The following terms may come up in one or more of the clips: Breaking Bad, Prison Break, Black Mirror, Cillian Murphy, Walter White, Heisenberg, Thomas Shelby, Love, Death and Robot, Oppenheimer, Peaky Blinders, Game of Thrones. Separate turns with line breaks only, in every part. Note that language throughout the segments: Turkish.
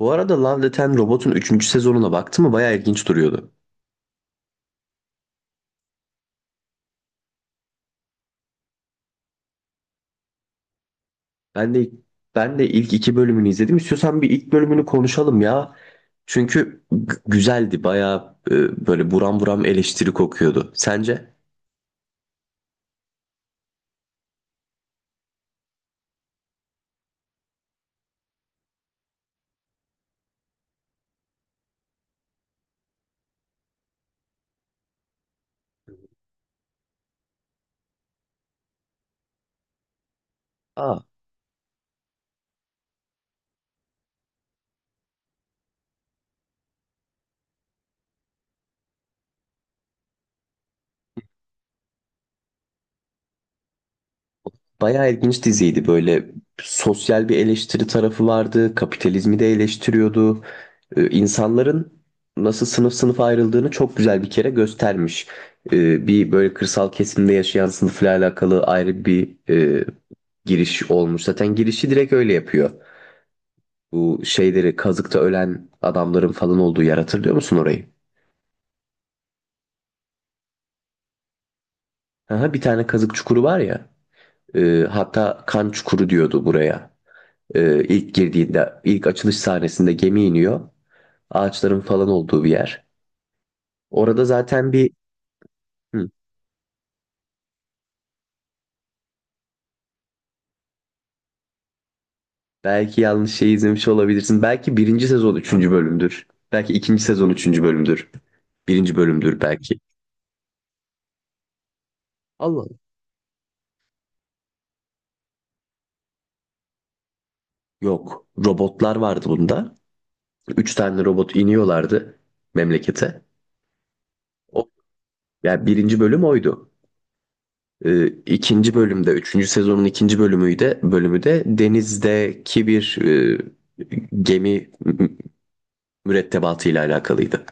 Bu arada Love, Death and Robot'un üçüncü sezonuna baktım mı bayağı ilginç duruyordu. Ben de ben de ilk iki bölümünü izledim. İstiyorsan bir ilk bölümünü konuşalım ya. Çünkü güzeldi. Bayağı böyle buram buram eleştiri kokuyordu. Sence? Aa. Bayağı ilginç diziydi böyle, sosyal bir eleştiri tarafı vardı, kapitalizmi de eleştiriyordu. İnsanların nasıl sınıf sınıf ayrıldığını çok güzel bir kere göstermiş. Bir böyle kırsal kesimde yaşayan sınıfla alakalı ayrı bir e, giriş olmuş. Zaten girişi direkt öyle yapıyor. Bu şeyleri kazıkta ölen adamların falan olduğu yer, hatırlıyor musun orayı? Aha, bir tane kazık çukuru var ya. Hatta kan çukuru diyordu buraya. İlk girdiğinde, ilk açılış sahnesinde gemi iniyor. Ağaçların falan olduğu bir yer. Orada zaten bir hı, Belki yanlış şey izlemiş olabilirsin. Belki birinci sezon üçüncü bölümdür. Belki ikinci sezon üçüncü bölümdür. Birinci bölümdür belki. Allah Allah. Yok. Robotlar vardı bunda. Üç tane robot iniyorlardı memlekete. O, yani birinci bölüm oydu. İkinci bölümde, üçüncü sezonun ikinci bölümü de, denizdeki bir gemi mürettebatıyla alakalıydı.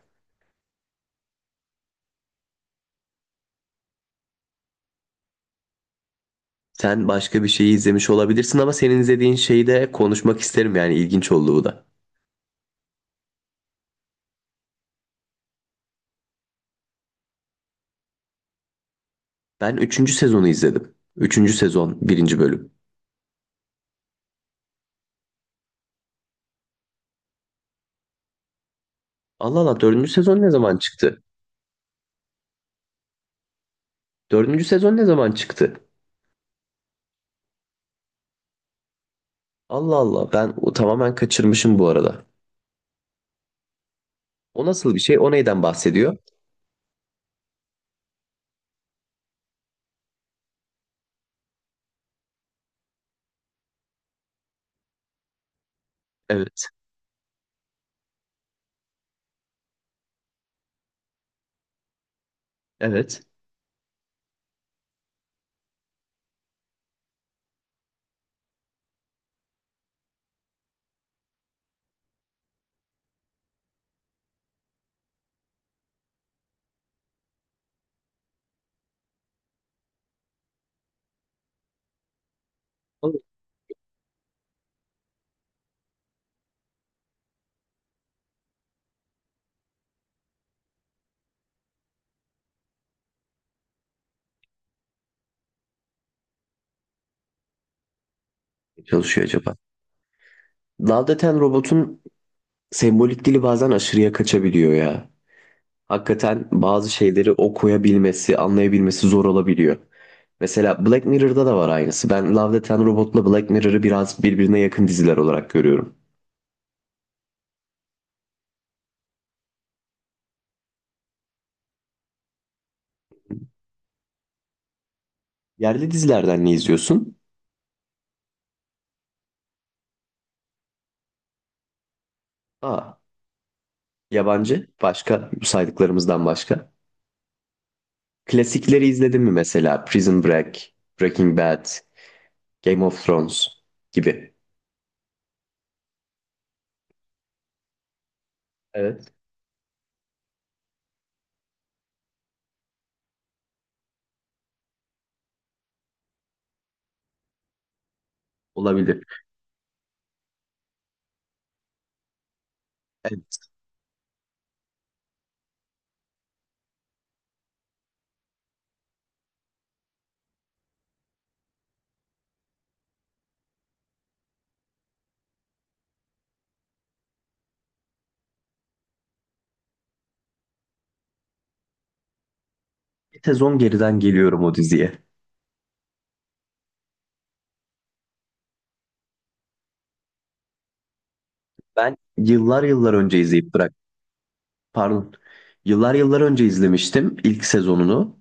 Sen başka bir şeyi izlemiş olabilirsin, ama senin izlediğin şeyi de konuşmak isterim, yani ilginç olduğu da. Ben üçüncü sezonu izledim. Üçüncü sezon birinci bölüm. Allah Allah, dördüncü sezon ne zaman çıktı? Dördüncü sezon ne zaman çıktı? Allah Allah, ben o tamamen kaçırmışım bu arada. O nasıl bir şey? O neyden bahsediyor? Evet. Evet. O ne çalışıyor acaba? Love Death and Robot'un sembolik dili bazen aşırıya kaçabiliyor ya. Hakikaten bazı şeyleri okuyabilmesi, anlayabilmesi zor olabiliyor. Mesela Black Mirror'da da var aynısı. Ben Love, Death and Robot'la Black Mirror'ı biraz birbirine yakın diziler olarak görüyorum. Yerli dizilerden ne izliyorsun? Aa, yabancı, başka, bu saydıklarımızdan başka. Klasikleri izledin mi mesela? Prison Break, Breaking Bad, Game of Thrones gibi. Evet. Olabilir. Evet. Bir sezon geriden geliyorum o diziye. Ben yıllar yıllar önce izleyip bıraktım. Pardon. Yıllar yıllar önce izlemiştim ilk sezonunu.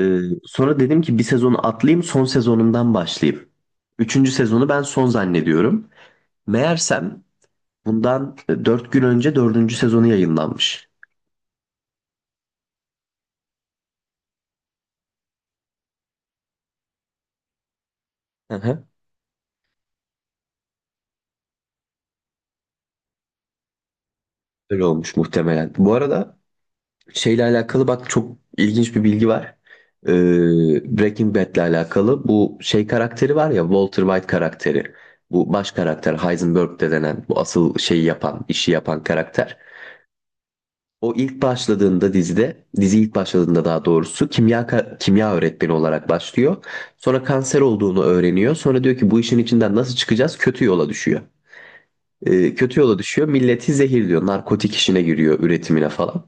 Ee, sonra dedim ki bir sezonu atlayayım, son sezonundan başlayayım. Üçüncü sezonu ben son zannediyorum. Meğersem bundan 4 gün önce dördüncü sezonu yayınlanmış. Hı hı. Öyle olmuş muhtemelen. Bu arada şeyle alakalı bak, çok ilginç bir bilgi var. Ee, Breaking Bad'le alakalı bu şey karakteri var ya, Walter White karakteri. Bu baş karakter, Heisenberg de denen bu asıl şeyi yapan, işi yapan karakter. O ilk başladığında dizide, dizi ilk başladığında daha doğrusu, kimya kimya öğretmeni olarak başlıyor. Sonra kanser olduğunu öğreniyor. Sonra diyor ki bu işin içinden nasıl çıkacağız? Kötü yola düşüyor. Kötü yola düşüyor. Milleti zehirliyor. Narkotik işine giriyor, üretimine falan.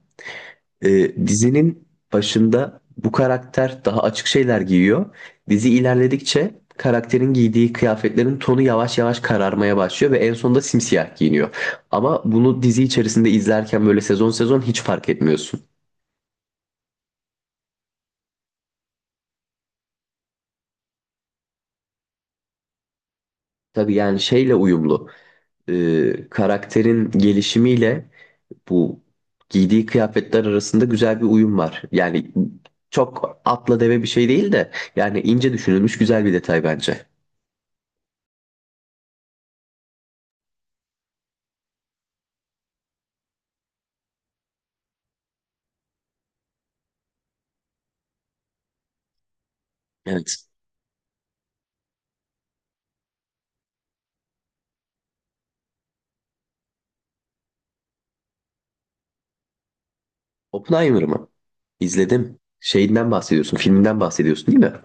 Dizinin başında bu karakter daha açık şeyler giyiyor. Dizi ilerledikçe karakterin giydiği kıyafetlerin tonu yavaş yavaş kararmaya başlıyor ve en sonunda simsiyah giyiniyor. Ama bunu dizi içerisinde izlerken böyle sezon sezon hiç fark etmiyorsun. Tabii yani şeyle uyumlu. Karakterin gelişimiyle bu giydiği kıyafetler arasında güzel bir uyum var. Yani çok atla deve bir şey değil de, yani ince düşünülmüş güzel bir detay bence. Evet. Oppenheimer mı? İzledim. Şeyinden bahsediyorsun, filminden bahsediyorsun değil mi?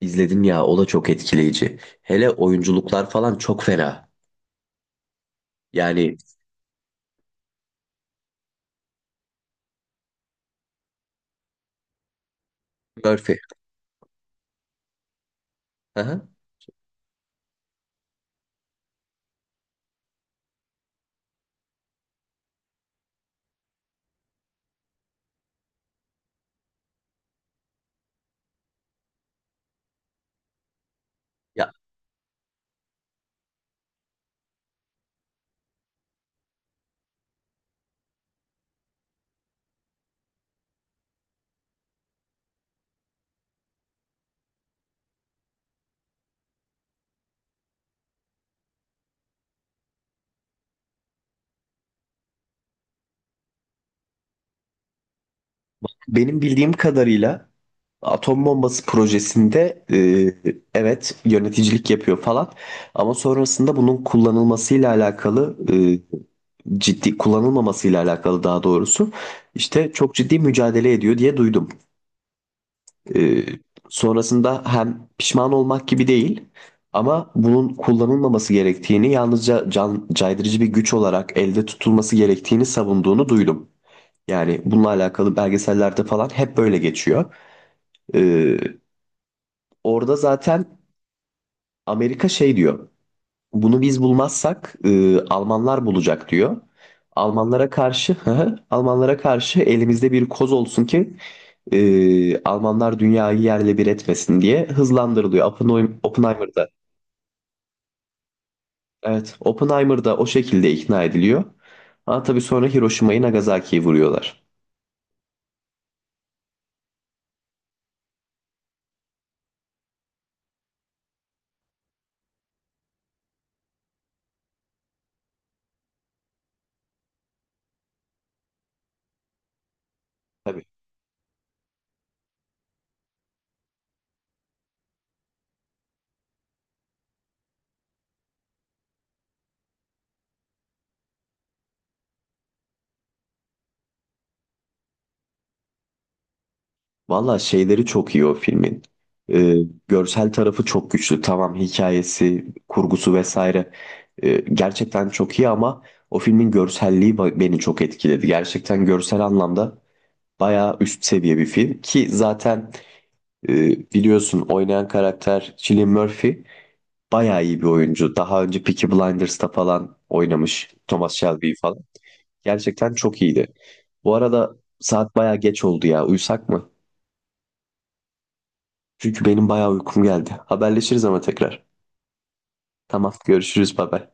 İzledim ya, o da çok etkileyici. Hele oyunculuklar falan çok fena. Yani Murphy. Aha. Ya benim bildiğim kadarıyla atom bombası projesinde evet, yöneticilik yapıyor falan, ama sonrasında bunun kullanılmasıyla alakalı, ciddi kullanılmamasıyla alakalı daha doğrusu, işte çok ciddi mücadele ediyor diye duydum. E, sonrasında hem pişman olmak gibi değil, ama bunun kullanılmaması gerektiğini, yalnızca can caydırıcı bir güç olarak elde tutulması gerektiğini savunduğunu duydum. Yani bununla alakalı belgesellerde falan hep böyle geçiyor. E, Orada zaten Amerika şey diyor. Bunu biz bulmazsak Almanlar bulacak diyor. Almanlara karşı hı hı, Almanlara karşı elimizde bir koz olsun ki Almanlar dünyayı yerle bir etmesin diye hızlandırılıyor. Oppenheimer'da. Evet, Oppenheimer'da o şekilde ikna ediliyor. Ama tabii sonra Hiroşima'yı, Nagasaki'yi vuruyorlar. Tabii. Valla şeyleri çok iyi o filmin. Ee, görsel tarafı çok güçlü. Tamam, hikayesi, kurgusu vesaire gerçekten çok iyi, ama o filmin görselliği beni çok etkiledi. Gerçekten görsel anlamda bayağı üst seviye bir film, ki zaten e, biliyorsun, oynayan karakter Cillian Murphy bayağı iyi bir oyuncu. Daha önce Peaky Blinders'ta falan oynamış, Thomas Shelby falan. Gerçekten çok iyiydi. Bu arada saat bayağı geç oldu ya. Uyusak mı? Çünkü benim bayağı uykum geldi. Haberleşiriz ama tekrar. Tamam, görüşürüz, bay bay.